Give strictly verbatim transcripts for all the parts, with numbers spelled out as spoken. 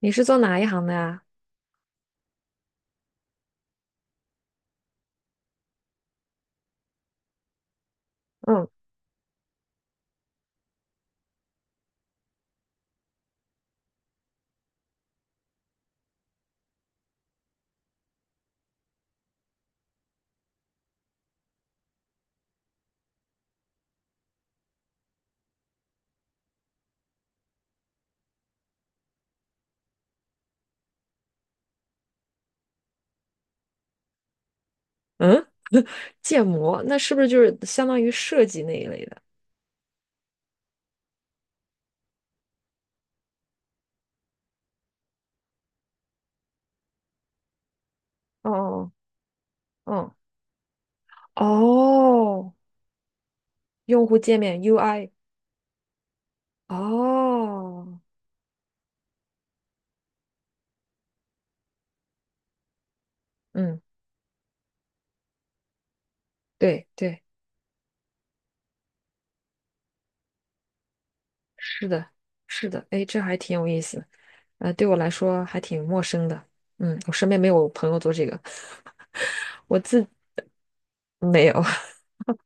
你是做哪一行的呀？嗯，嗯，建模，那是不是就是相当于设计那一类的？哦哦哦，哦，用户界面 U I。哦，嗯，对对，是的，是的，哎，这还挺有意思。呃，对我来说还挺陌生的。嗯，我身边没有朋友做这个。我自没有。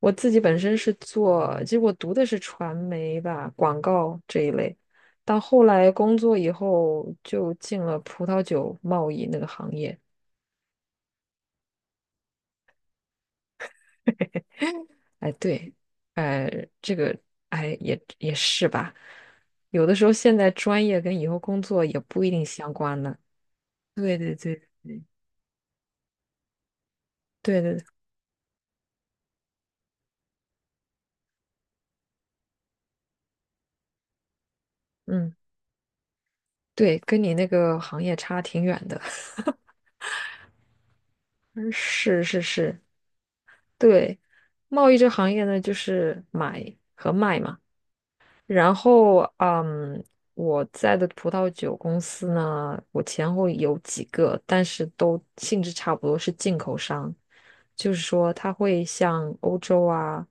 我自己本身是做，其实我读的是传媒吧，广告这一类，到后来工作以后就进了葡萄酒贸易那个行业。哎，对，哎，这个，哎，也也是吧。有的时候现在专业跟以后工作也不一定相关呢。对对对对对对，嗯，对，跟你那个行业差挺远的。是是是，对，贸易这行业呢，就是买和卖嘛。然后，嗯，我在的葡萄酒公司呢，我前后有几个，但是都性质差不多，是进口商，就是说他会向欧洲啊，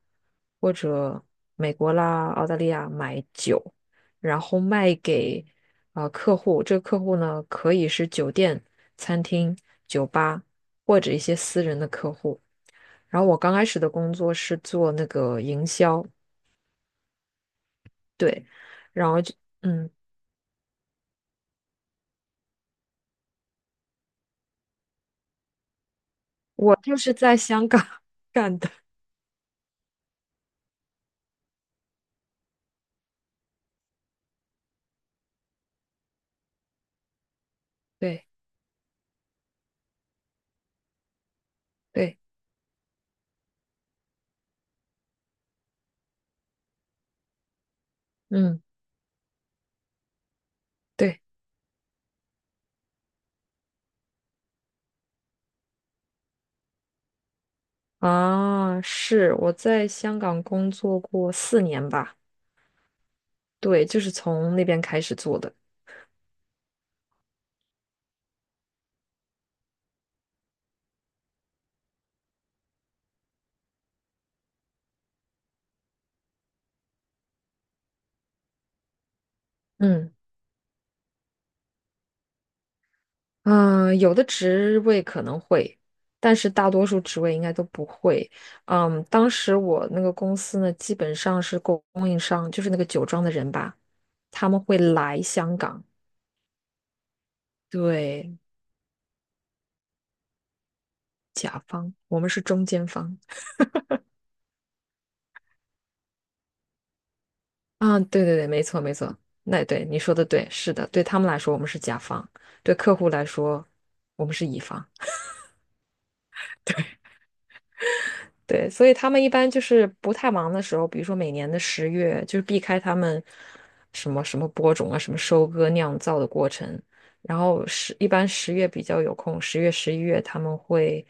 或者美国啦、澳大利亚买酒，然后卖给啊、呃客户。这个客户呢，可以是酒店、餐厅、酒吧或者一些私人的客户。然后我刚开始的工作是做那个营销，对，然后就。嗯。我就是在香港 干的。对对，嗯，对啊，是我在香港工作过四年吧，对，就是从那边开始做的。嗯，嗯，呃有的职位可能会，但是大多数职位应该都不会。嗯，当时我那个公司呢，基本上是供供应商，就是那个酒庄的人吧，他们会来香港。对，甲方，我们是中间方。啊，对对对，没错没错，那对你说的对，是的，对他们来说我们是甲方，对客户来说我们是乙方。对，所以他们一般就是不太忙的时候，比如说每年的十月，就是避开他们什么什么播种啊、什么收割、酿造的过程。然后十一般十月比较有空，十月、十一月他们会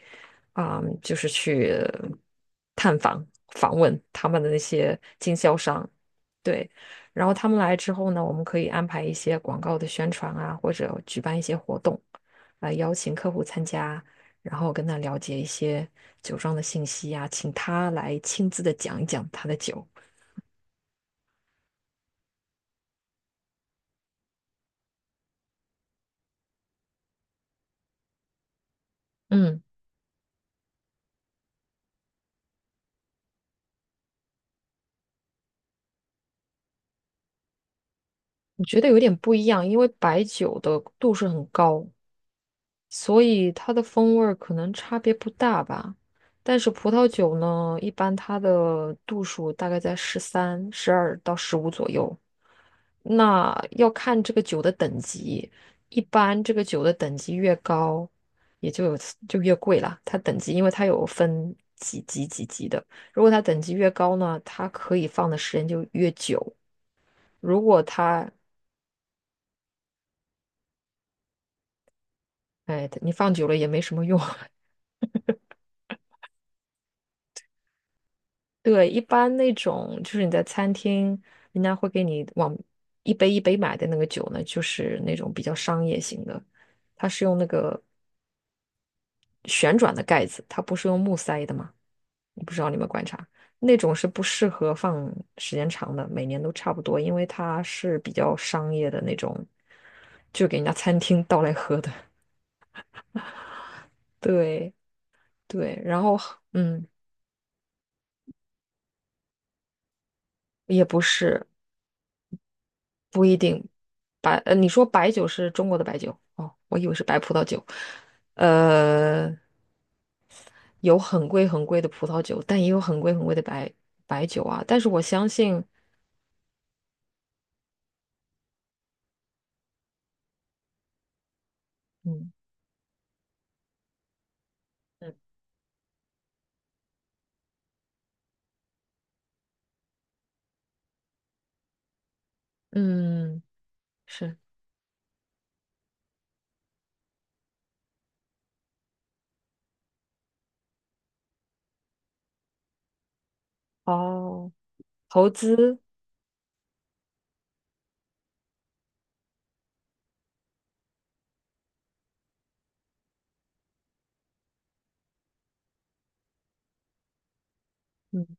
啊、就是去探访、访问他们的那些经销商。对，然后他们来之后呢，我们可以安排一些广告的宣传啊，或者举办一些活动，来邀请客户参加。然后跟他了解一些酒庄的信息啊，请他来亲自的讲一讲他的酒。嗯，我觉得有点不一样，因为白酒的度数很高，所以它的风味儿可能差别不大吧。但是葡萄酒呢，一般它的度数大概在十三、十二到十五左右，那要看这个酒的等级。一般这个酒的等级越高，也就有就越贵啦。它等级，因为它有分几级几级的，如果它等级越高呢，它可以放的时间就越久。如果它，哎，你放久了也没什么用。对，一般那种就是你在餐厅，人家会给你往一杯一杯买的那个酒呢，就是那种比较商业型的，它是用那个旋转的盖子，它不是用木塞的吗？我不知道你们观察，那种是不适合放时间长的，每年都差不多，因为它是比较商业的那种，就给人家餐厅倒来喝的。对对，然后嗯，也不是不一定白，呃，你说白酒是中国的白酒哦，我以为是白葡萄酒。呃，有很贵很贵的葡萄酒，但也有很贵很贵的白白酒啊。但是我相信，嗯嗯。嗯，是哦，投资，嗯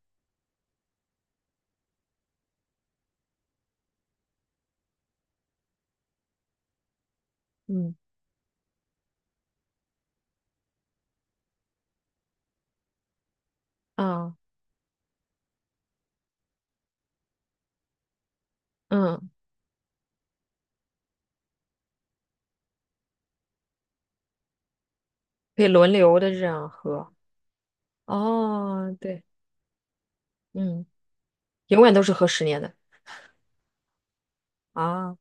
嗯，啊，嗯，可以轮流的这样喝。哦，对，嗯，永远都是喝十年的啊，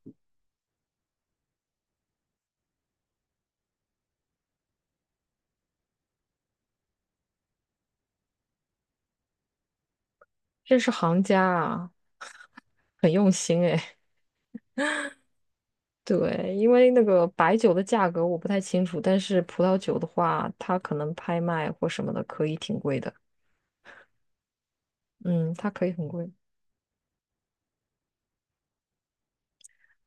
这是行家啊，很用心哎。对，因为那个白酒的价格我不太清楚，但是葡萄酒的话，它可能拍卖或什么的可以挺贵的。嗯，它可以很贵。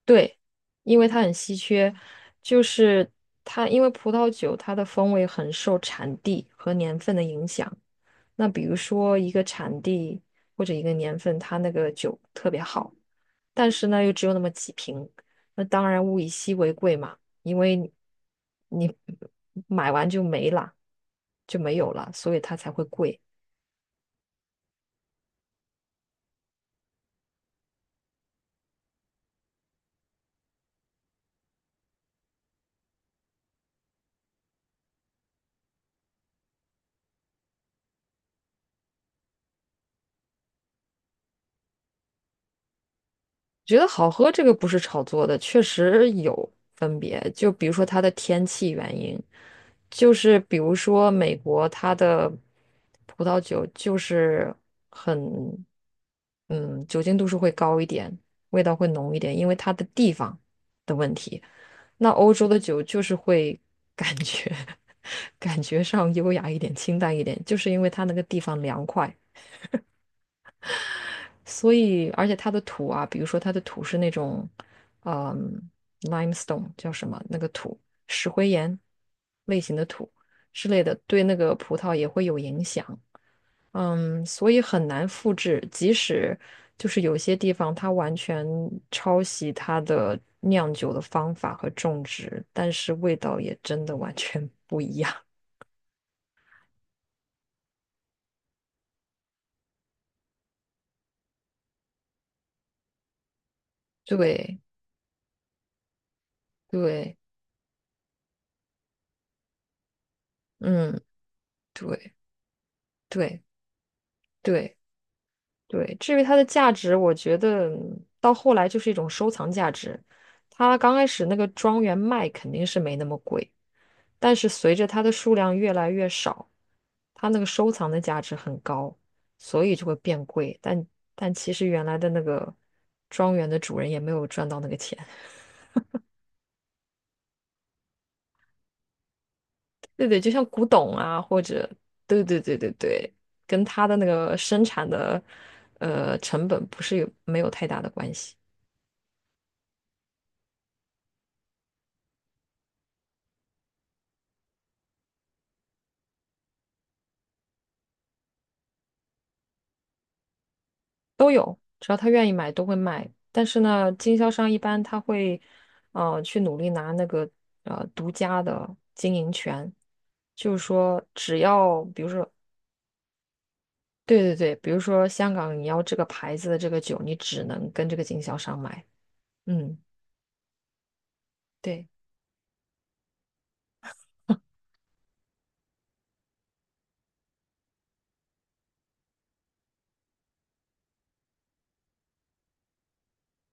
对，因为它很稀缺，就是它因为葡萄酒它的风味很受产地和年份的影响。那比如说一个产地或者一个年份，它那个酒特别好，但是呢又只有那么几瓶，那当然物以稀为贵嘛，因为你你买完就没了，就没有了，所以它才会贵。觉得好喝这个不是炒作的，确实有分别。就比如说它的天气原因，就是比如说美国它的葡萄酒就是很，嗯，酒精度数会高一点，味道会浓一点，因为它的地方的问题。那欧洲的酒就是会感觉 感觉上优雅一点、清淡一点，就是因为它那个地方凉快。所以而且它的土啊，比如说它的土是那种，嗯，limestone 叫什么那个土，石灰岩类型的土之类的，对那个葡萄也会有影响。嗯，所以很难复制，即使就是有些地方它完全抄袭它的酿酒的方法和种植，但是味道也真的完全不一样。对对，嗯，对对对。对，至于它的价值，我觉得到后来就是一种收藏价值。它刚开始那个庄园卖肯定是没那么贵，但是随着它的数量越来越少，它那个收藏的价值很高，所以就会变贵。但但其实原来的那个庄园的主人也没有赚到那个钱。对对，就像古董啊，或者对对对对对，跟它的那个生产的呃成本不是有没有太大的关系。都有，只要他愿意买都会卖。但是呢，经销商一般他会，呃，去努力拿那个呃独家的经营权，就是说，只要比如说，对对对，比如说香港你要这个牌子的这个酒，你只能跟这个经销商买。嗯，对。